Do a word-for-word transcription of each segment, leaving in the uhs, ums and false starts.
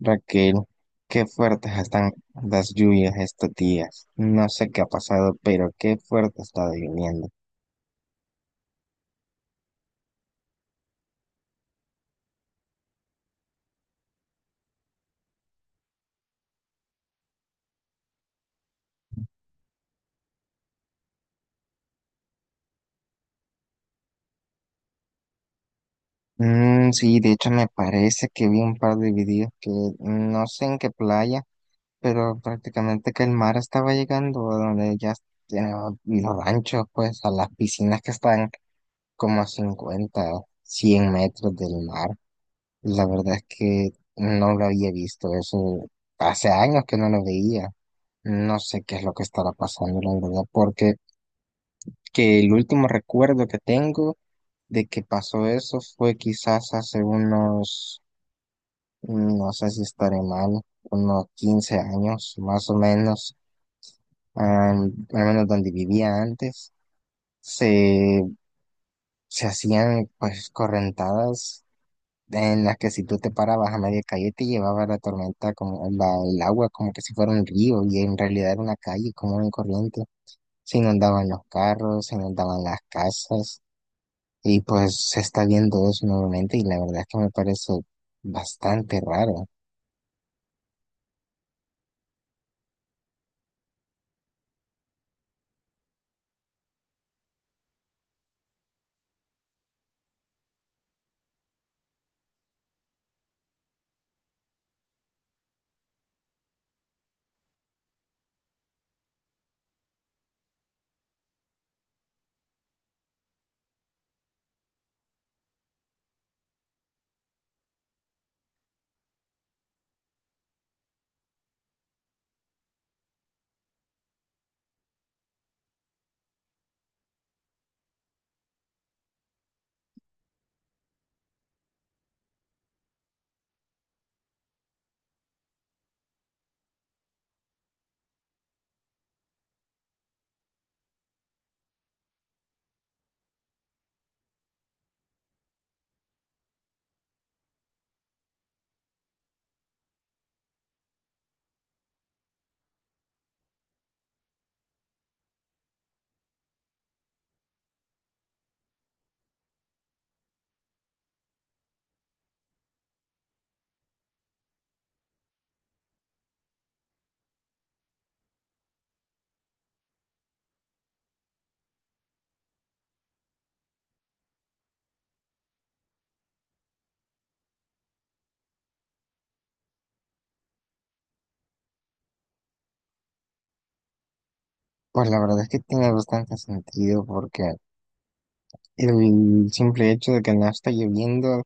Raquel, qué fuertes están las lluvias estos días. No sé qué ha pasado, pero qué fuerte ha estado lloviendo. Mm, sí, de hecho me parece que vi un par de videos que no sé en qué playa, pero prácticamente que el mar estaba llegando a donde ya tienen los ranchos, pues a las piscinas que están como a cincuenta, cien metros del mar. La verdad es que no lo había visto, eso hace años que no lo veía. No sé qué es lo que estará pasando, la verdad, porque que el último recuerdo que tengo de que pasó eso fue quizás hace unos, no sé si estaré mal, unos quince años más o menos, am, al menos donde vivía antes, se, se hacían pues correntadas en las que si tú te parabas a media calle te llevaba la tormenta como la- el agua como que si fuera un río y en realidad era una calle como una corriente. Se inundaban los carros, se inundaban las casas y pues se está viendo eso nuevamente y la verdad es que me parece bastante raro. Pues la verdad es que tiene bastante sentido porque el simple hecho de que no está lloviendo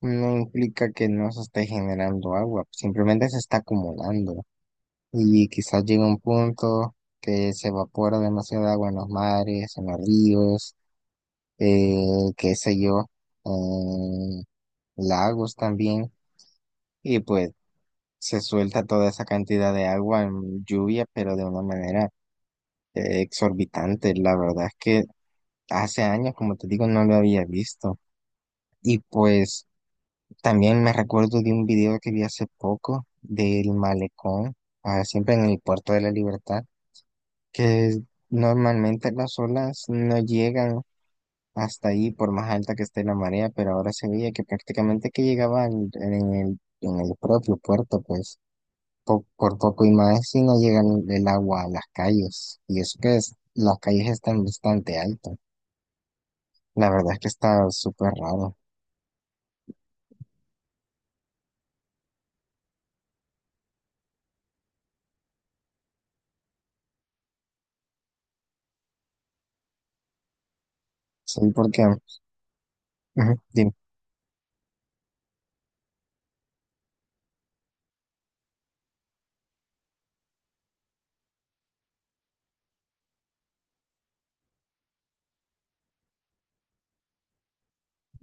no implica que no se esté generando agua, simplemente se está acumulando. Y quizás llegue un punto que se evapora demasiada agua en los mares, en los ríos, eh, qué sé yo, en lagos también, y pues se suelta toda esa cantidad de agua en lluvia, pero de una manera eh, exorbitante. La verdad es que hace años, como te digo, no lo había visto. Y pues también me recuerdo de un video que vi hace poco del malecón, ah, siempre en el Puerto de la Libertad que normalmente las olas no llegan hasta ahí por más alta que esté la marea, pero ahora se veía que prácticamente que llegaban en el, en el propio puerto, pues po- por poco y más si no llegan el agua a las calles, y eso que es, las calles están bastante altas. La verdad es que está súper raro, sí, porque, ujú, dime,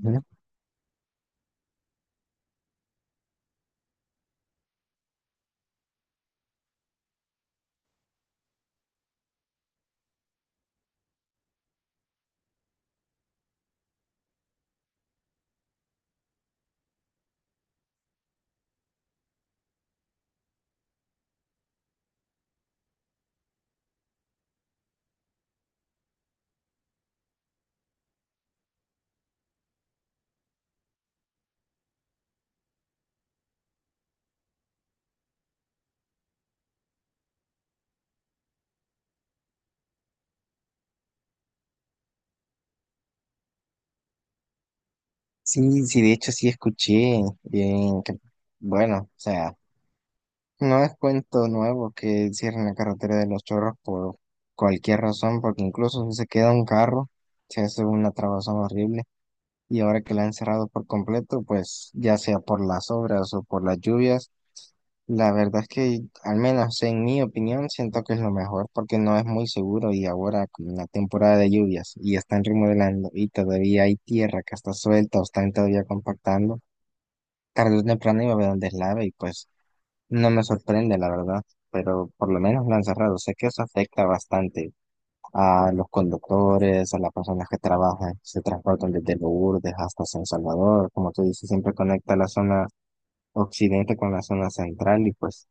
ujú. Sí, sí, de hecho sí escuché, eh, que, bueno, o sea... No es cuento nuevo que cierren la carretera de Los Chorros por cualquier razón, porque incluso si se queda un carro, se hace una trabazón horrible. Y ahora que la han cerrado por completo, pues ya sea por las obras o por las lluvias, la verdad es que, al menos en mi opinión, siento que es lo mejor porque no es muy seguro y ahora con la temporada de lluvias y están remodelando y todavía hay tierra que está suelta o están todavía compactando, tarde o temprano iba a haber un deslave y pues... No me sorprende, la verdad, pero por lo menos la han cerrado. Sé que eso afecta bastante a los conductores, a las personas que trabajan, se transportan desde Lourdes hasta San Salvador. Como tú dices, siempre conecta la zona occidente con la zona central y pues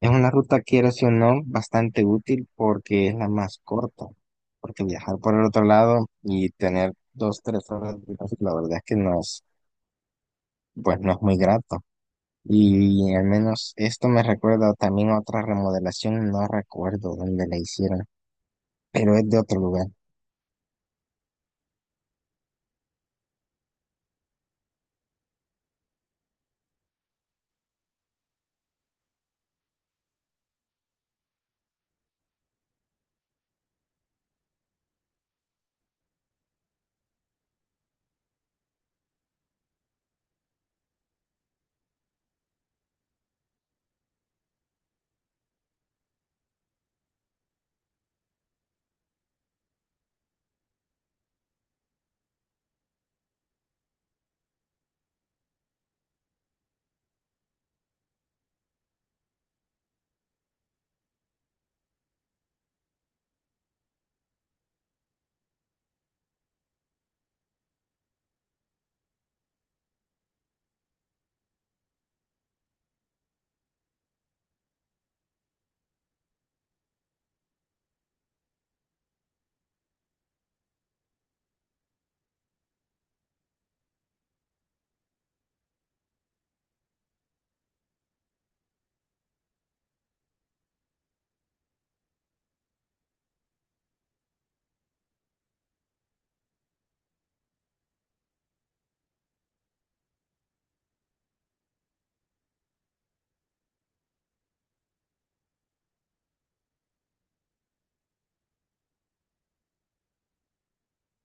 es una ruta, quieras o no, bastante útil porque es la más corta. Porque viajar por el otro lado y tener dos, tres horas de tráfico, la verdad es que no es, pues no es muy grato. Y al menos esto me recuerda también a otra remodelación, no recuerdo dónde la hicieron, pero es de otro lugar.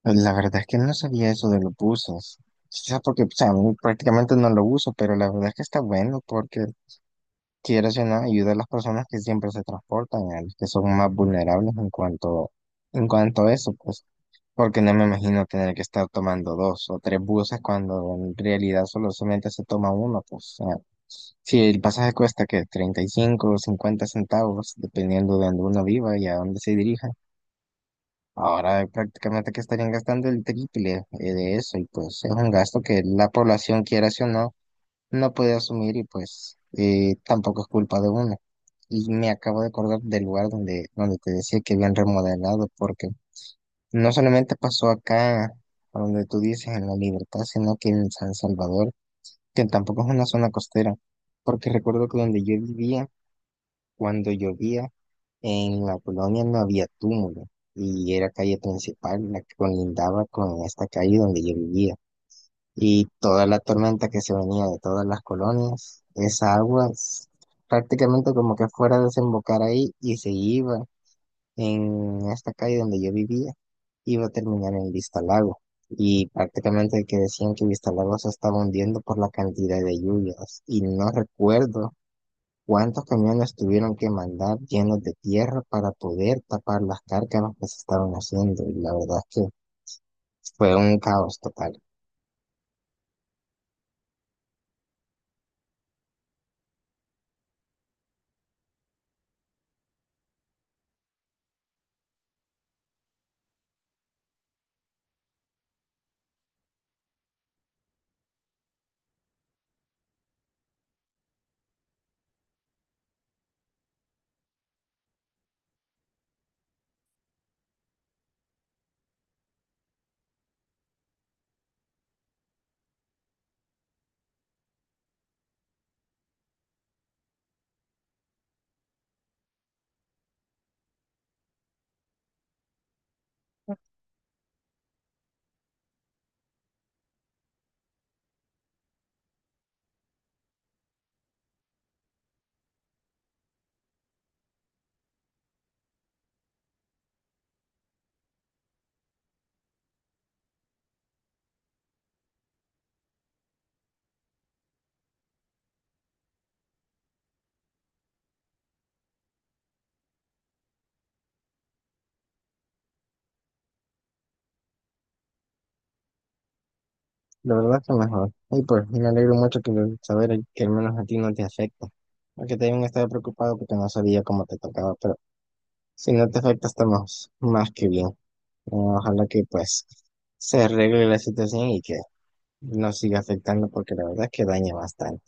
Pues la verdad es que no sabía eso de los buzos. Quizás porque, o sea, a mí prácticamente no lo uso, pero la verdad es que está bueno porque quiero o no, ayuda a las personas que siempre se transportan, a los que son más vulnerables en cuanto, en cuanto a eso, pues, porque no me imagino tener que estar tomando dos o tres buses cuando en realidad solo solamente se toma uno, pues, sí, el pasaje cuesta que treinta y cinco o cincuenta centavos, dependiendo de donde uno viva y a dónde se dirija. Ahora prácticamente que estarían gastando el triple eh, de eso y pues es un gasto que la población, quiera sí o no, no puede asumir y pues eh, tampoco es culpa de uno. Y me acabo de acordar del lugar donde, donde te decía que habían remodelado, porque no solamente pasó acá, a donde tú dices, en La Libertad, sino que en San Salvador, que tampoco es una zona costera, porque recuerdo que donde yo vivía, cuando llovía, en la colonia no había túmulo y era calle principal la que colindaba con esta calle donde yo vivía. Y toda la tormenta que se venía de todas las colonias, esa agua s- prácticamente como que fuera a desembocar ahí y se iba en esta calle donde yo vivía, iba a terminar en Vistalago. Y prácticamente que decían que Vistalago se estaba hundiendo por la cantidad de lluvias. Y no recuerdo ¿cuántos camiones tuvieron que mandar llenos de tierra para poder tapar las cárcamas que se estaban haciendo? Y la verdad es que fue un caos total. La verdad que mejor. Y pues me alegro mucho que lo- saber que al menos a ti no te afecta. Aunque te hayan estado preocupado porque no sabía cómo te tocaba, pero si no te afecta estamos más que bien. Ojalá que pues se arregle la situación y que no siga afectando porque la verdad es que daña bastante.